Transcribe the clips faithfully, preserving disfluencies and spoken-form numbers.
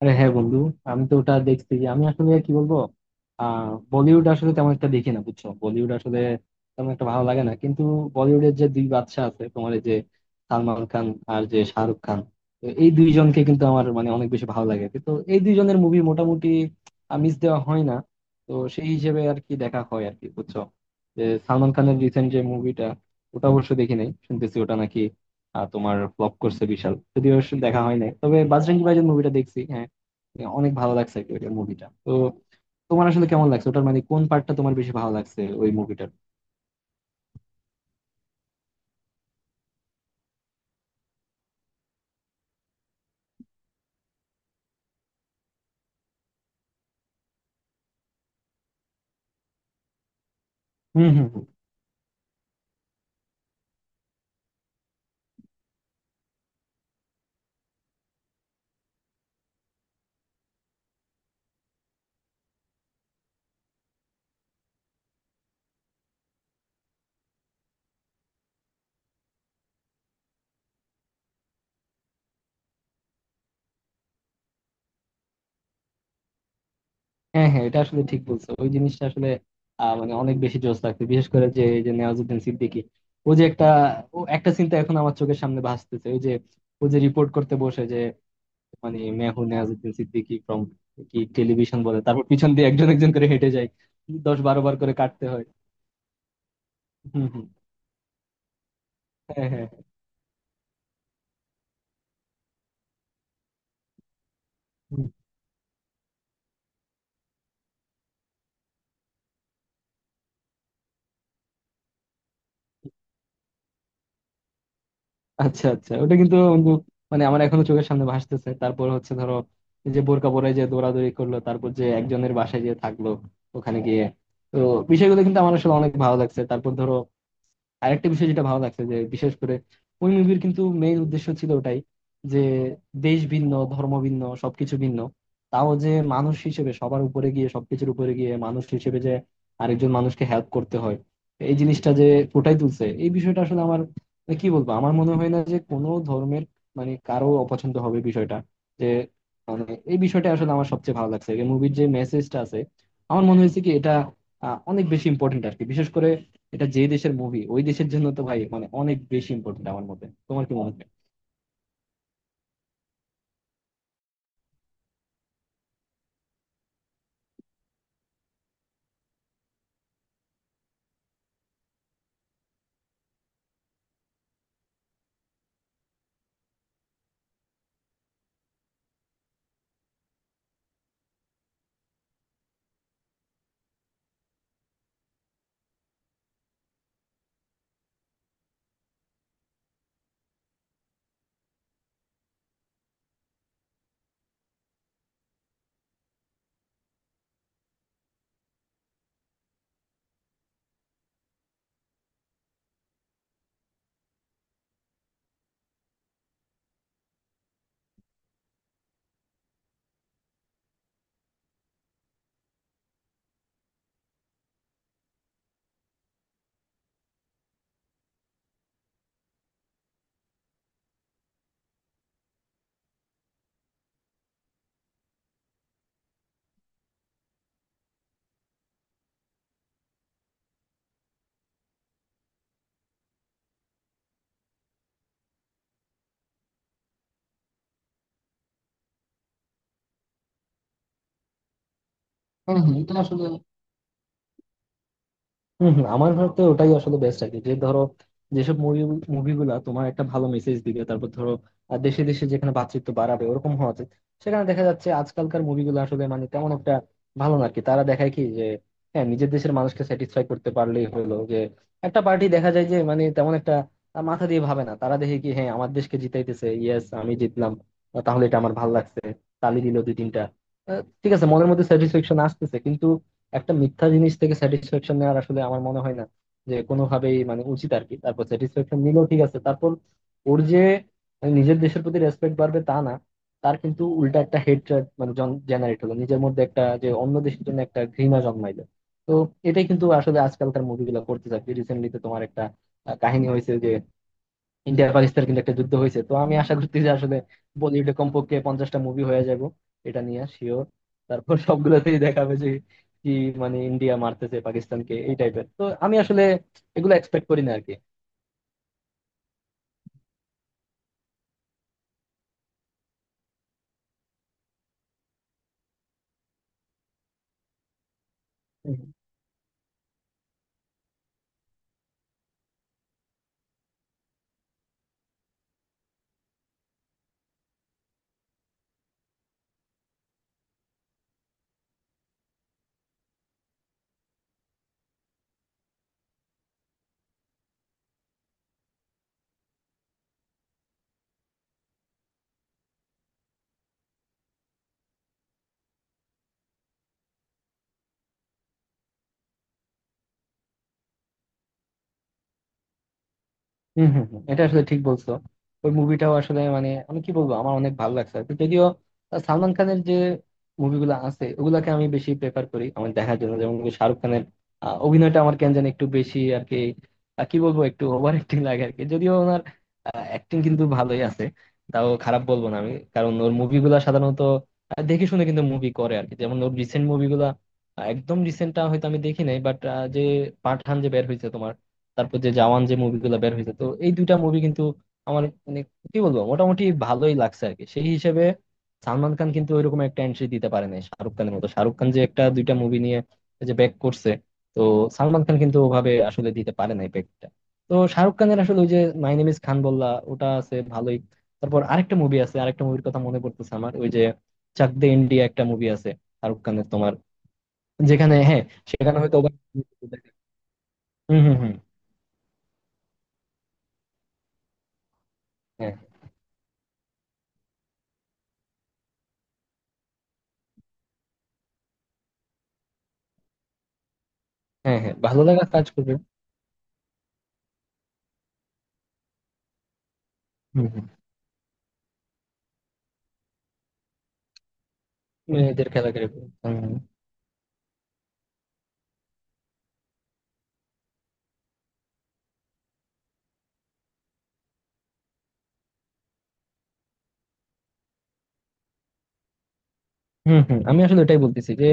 আরে হ্যাঁ বন্ধু, আমি তো ওটা দেখছি। আমি আসলে কি বলবো, আহ বলিউড আসলে তেমন একটা দেখি না, বুঝছো? বলিউড আসলে তেমন একটা ভালো লাগে না, কিন্তু বলিউডের যে দুই বাদশা আছে তোমার, এই যে সালমান খান আর যে শাহরুখ খান, তো এই দুইজনকে কিন্তু আমার মানে অনেক বেশি ভালো লাগে। তো এই দুইজনের মুভি মোটামুটি মিস দেওয়া হয় না। তো সেই হিসেবে আর কি দেখা হয় আর কি, বুঝছো? যে সালমান খানের রিসেন্ট যে মুভিটা, ওটা অবশ্য দেখি নাই। শুনতেছি ওটা নাকি আহ, তোমার ফ্লপ করছে বিশাল। যদিও সে দেখা হয় নাই, তবে বাজরঙ্গি ভাইজান মুভিটা দেখছি, হ্যাঁ। Yeah, অনেক ভালো লাগছে মুভিটা। তো তোমার আসলে কেমন লাগছে ওটার, মানে কোন পার্টটা তোমার বেশি ভালো লাগছে ওই মুভিটার? হুম হুম হুম। হ্যাঁ হ্যাঁ, এটা আসলে ঠিক বলছো। ওই জিনিসটা আসলে আহ, মানে অনেক বেশি জোস লাগছে। বিশেষ করে যে এই যে নেওয়াজুদ্দিন সিদ্দিকী, ও যে একটা ও একটা চিন্তা এখন আমার চোখের সামনে ভাসতেছে, ওই যে ও যে রিপোর্ট করতে বসে, যে মানে মেহু নেওয়াজুদ্দিন সিদ্দিকী ফ্রম কি টেলিভিশন বলে, তারপর পিছন দিয়ে একজন একজন করে হেঁটে যায়, দশ বারো বার করে কাটতে হয়। হুম হুম। হ্যাঁ হ্যাঁ। আচ্ছা আচ্ছা, ওটা কিন্তু বন্ধু, মানে আমার এখনো চোখের সামনে ভাসতেছে। তারপর হচ্ছে ধরো এই যে বোরকা পরে যে দৌড়াদৌড়ি করলো, তারপর যে একজনের বাসায় যে থাকলো ওখানে গিয়ে, তো বিষয়গুলো কিন্তু আমার আসলে অনেক ভালো লাগছে। তারপর ধরো আরেকটা বিষয় যেটা ভালো লাগছে, যে বিশেষ করে ওই মুভির কিন্তু মেইন উদ্দেশ্য ছিল ওটাই, যে দেশ ভিন্ন, ধর্ম ভিন্ন, সবকিছু ভিন্ন, তাও যে মানুষ হিসেবে সবার উপরে গিয়ে, সবকিছুর উপরে গিয়ে মানুষ হিসেবে যে আরেকজন মানুষকে হেল্প করতে হয়, এই জিনিসটা যে ফুটাই তুলছে, এই বিষয়টা আসলে আমার, মানে কি বলবো, আমার মনে হয় না যে কোনো ধর্মের মানে কারো অপছন্দ হবে বিষয়টা, যে মানে এই বিষয়টা আসলে আমার সবচেয়ে ভালো লাগছে, মুভির যে মেসেজটা আছে। আমার মনে হয়েছে কি, এটা আহ, অনেক বেশি ইম্পর্টেন্ট আর কি। বিশেষ করে এটা যে দেশের মুভি, ওই দেশের জন্য তো ভাই মানে অনেক বেশি ইম্পর্টেন্ট আমার মতে। তোমার কি মনে হয়? হ্যাঁ হ্যাঁ, এটা আসলে হম হম, আমার মতে ওটাই আসলে বেস্ট আর কি। যে ধরো যেসব মুভি, মুভিগুলা তোমার একটা ভালো মেসেজ দিবে। তারপর ধরো আহ, দেশে দেশে যেখানে ভ্রাতৃত্ব বাড়াবে, ওরকম হওয়া উচিত। সেখানে দেখা যাচ্ছে আজকালকার মুভিগুলো আসলে মানে তেমন একটা ভালো না আর কি। তারা দেখায় কি যে হ্যাঁ, নিজের দেশের মানুষকে স্যাটিসফাই করতে পারলেই হলো। যে একটা পার্টি দেখা যায় যে মানে তেমন একটা আহ, মাথা দিয়ে ভাবে না, তারা দেখে কি হ্যাঁ আমার দেশকে জিতাইতেছে, ইয়েস আমি জিতলাম। আহ, তাহলে এটা আমার ভালো লাগছে, তালি দিল দুই তিনটা। আহ, ঠিক আছে, মনের মধ্যে স্যাটিসফ্যাকশন আসতেছে, কিন্তু একটা মিথ্যা জিনিস থেকে স্যাটিসফ্যাকশন নেওয়ার আসলে আমার মনে হয় না যে কোনোভাবেই মানে উচিত আর কি। তারপর স্যাটিসফ্যাকশন নিলেও ঠিক আছে, তারপর ওর যে নিজের দেশের প্রতি রেসপেক্ট বাড়বে তা না, তার কিন্তু উল্টা একটা হেট মানে জেনারেট হলো নিজের মধ্যে, একটা যে অন্য দেশের জন্য একটা ঘৃণা জন্মাইলো। তো এটাই কিন্তু আসলে আজকালকার মুভিগুলো করতে চাচ্ছে। রিসেন্টলি তো তোমার একটা আহ, কাহিনী হয়েছে যে ইন্ডিয়া আর পাকিস্তান কিন্তু একটা যুদ্ধ হয়েছে। তো আমি আশা করছি যে আসলে বলিউডে কমপক্ষে পঞ্চাশটা মুভি হয়ে যাব, এটা নিয়ে শিওর। তারপর সবগুলোতেই দেখাবে যে কি মানে ইন্ডিয়া মারতেছে পাকিস্তানকে, এই টাইপের। তো আমি আসলে এগুলো এক্সপেক্ট করি না আরকি। হম হম হম, এটা আসলে ঠিক বলছো। ওই মুভিটাও আসলে মানে আমি কি বলবো, আমার অনেক ভালো লাগছে আর কি। যদিও আহ, সালমান খানের যে মুভিগুলো আছে ওগুলাকে আমি বেশি প্রেফার করি আমার দেখার জন্য। যেমন কি শাহরুখ খানের আহ, অভিনয়টা আমার কেন জানি একটু বেশি আর কি, আহ, কি বলবো, একটু ওভার অ্যাক্টিং লাগে আর কি। যদিও ওনার অ্যাক্টিং কিন্তু ভালোই আছে, তাও খারাপ বলবো না আমি। কারণ ওর মুভিগুলা সাধারণত আহ, দেখে শুনে কিন্তু মুভি করে আর কি। যেমন ওর রিসেন্ট মুভিগুলা, একদম রিসেন্টটা হয়তো আমি দেখি নাই, বাট যে পাঠান যে বের হয়েছে তোমার, তারপর যে জওয়ান যে মুভিগুলো বের হয়েছে, তো এই দুইটা মুভি কিন্তু আমার মানে কি বলবো মোটামুটি ভালোই লাগছে আর কি। সেই হিসেবে সালমান খান কিন্তু ওইরকম একটা এন্ট্রি দিতে পারে না শাহরুখ খানের মতো। শাহরুখ খান যে একটা দুইটা মুভি নিয়ে এই যে ব্যাক করছে, তো সালমান খান কিন্তু ওভাবে আসলে দিতে পারে নাই ব্যাকটা। তো শাহরুখ খানের আসলে ওই যে মাই নেম ইজ খান বললা, ওটা আছে ভালোই। তারপর আরেকটা মুভি আছে, আরেকটা মুভির কথা মনে পড়তেছে আমার, ওই যে চাক দে ইন্ডিয়া একটা মুভি আছে শাহরুখ খানের তোমার, যেখানে হ্যাঁ, সেখানে হয়তো ওভাবে- হম হম হম। হ্যাঁ, হ্যাঁ, ভালো লাগা কাজ করবে। হুম, হুম। মেয়েদের খেলাকে represent- হুম, হুম, হুম। আমি আসলে এটাই বলতেছি যে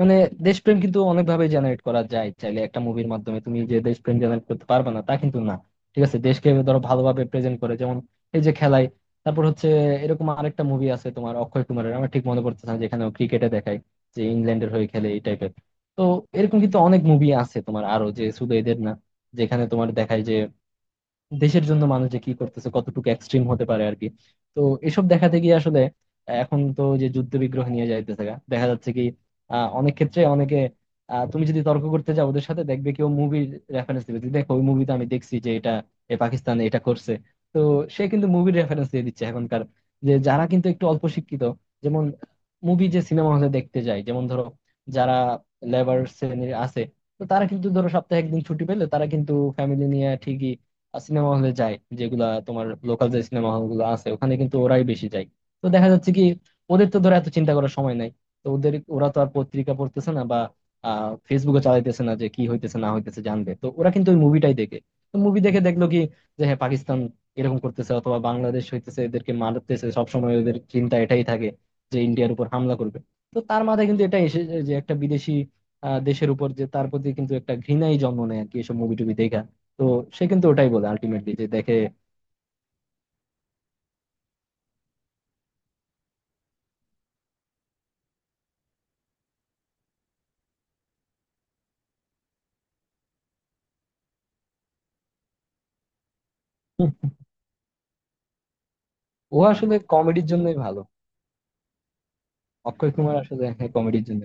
মানে দেশপ্রেম কিন্তু অনেকভাবে জেনারেট করা যায়। চাইলে একটা মুভির মাধ্যমে তুমি যে দেশপ্রেম জেনারেট করতে পারবে না তা কিন্তু না। ঠিক আছে, দেশকে ধরো ভালোভাবে প্রেজেন্ট করে, যেমন এই যে খেলায়। তারপর হচ্ছে এরকম আরেকটা মুভি আছে তোমার অক্ষয় কুমারের, আমার ঠিক মনে পড়তেছে না, যেখানে ক্রিকেটে দেখায় যে ইংল্যান্ডের হয়ে খেলে, এই টাইপের। তো এরকম কিন্তু অনেক মুভি আছে তোমার আরো, যে শুধু এদের না, যেখানে তোমার দেখায় যে দেশের জন্য মানুষ যে কি করতেছে, কতটুকু এক্সট্রিম হতে পারে আর কি। তো এসব দেখাতে গিয়ে আসলে এখন তো যে যুদ্ধ বিগ্রহ নিয়ে যাইতেছে গা, দেখা যাচ্ছে কি আহ, অনেক ক্ষেত্রে অনেকে আহ, তুমি যদি তর্ক করতে যাও ওদের সাথে, দেখবে কেউ মুভির রেফারেন্স দিবে যে, দেখো ওই মুভিতে আমি দেখছি যে এটা এ পাকিস্তান এটা করছে। তো সে কিন্তু মুভির রেফারেন্স দিয়ে দিচ্ছে এখনকার, যে যারা কিন্তু একটু অল্প শিক্ষিত, যেমন মুভি যে সিনেমা হলে দেখতে যায়, যেমন ধরো যারা লেবার শ্রেণীর আছে, তো তারা কিন্তু ধরো সপ্তাহে একদিন ছুটি পেলে তারা কিন্তু ফ্যামিলি নিয়ে ঠিকই সিনেমা হলে যায়। যেগুলা তোমার লোকাল যে সিনেমা হল গুলো আছে, ওখানে কিন্তু ওরাই বেশি যায়। তো দেখা যাচ্ছে কি ওদের তো ধরো এত চিন্তা করার সময় নাই। তো ওদের ওরা তো আর পত্রিকা পড়তেছে না, বা আহ ফেসবুকে চালাইতেছে না যে কি হইতেছে না হইতেছে জানবে। তো ওরা কিন্তু ওই মুভিটাই দেখে। তো মুভি দেখে দেখলো কি যে হ্যাঁ, পাকিস্তান এরকম করতেছে, অথবা বাংলাদেশ হইতেছে এদেরকে মারতেছে, সবসময় ওদের চিন্তা এটাই থাকে যে ইন্ডিয়ার উপর হামলা করবে। তো তার মাথায় কিন্তু এটা এসে যায় যে একটা বিদেশি আহ, দেশের উপর যে তার প্রতি কিন্তু একটা ঘৃণাই জন্ম নেয় আর কি, এসব মুভি টুভি। তো সে কিন্তু ওটাই বলে আলটিমেটলি যে দেখে। হুম, ও আসলে কমেডির জন্যই ভালো। অক্ষয় কুমার আসলে হ্যাঁ কমেডির জন্য।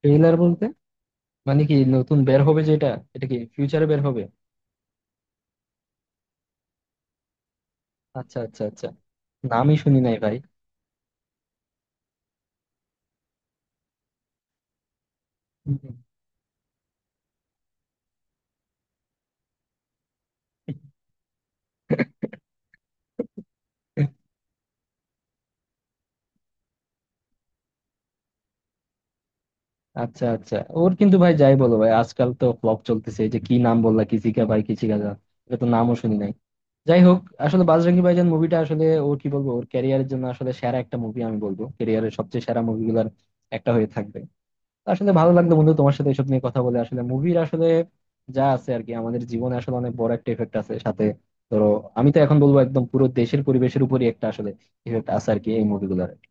ট্রেইলার বলতে মানে কি নতুন বের হবে যেটা, এটা কি ফিউচারে বের হবে? আচ্ছা আচ্ছা আচ্ছা। নামই শুনি নাই ভাই। হুম। আচ্ছা আচ্ছা। ওর কিন্তু ভাই যাই বলো ভাই, আজকাল তো ফ্লপ চলতেছে। এই যে কি নাম বললা, কিসিকা ভাই কিসিকা যা, এটা তো নামও শুনি নাই। যাই হোক, আসলে বাজরঙ্গি ভাইজান মুভিটা আসলে ও, কি বলবো, ওর ক্যারিয়ারের জন্য আসলে সেরা একটা মুভি আমি বলবো, ক্যারিয়ারের সবচেয়ে সেরা মুভিগুলোর একটা হয়ে থাকবে। তো আসলে ভালো লাগলো বন্ধু তোমার সাথে এসব নিয়ে কথা বলে। আসলে মুভির আসলে যা আছে আর কি, আমাদের জীবনে আসলে অনেক বড় একটা এফেক্ট আছে। সাথে ধরো আমি তো এখন বলবো একদম পুরো দেশের পরিবেশের উপরই একটা আসলে ইফেক্ট আছে আর কি এই মুভিগুলোর।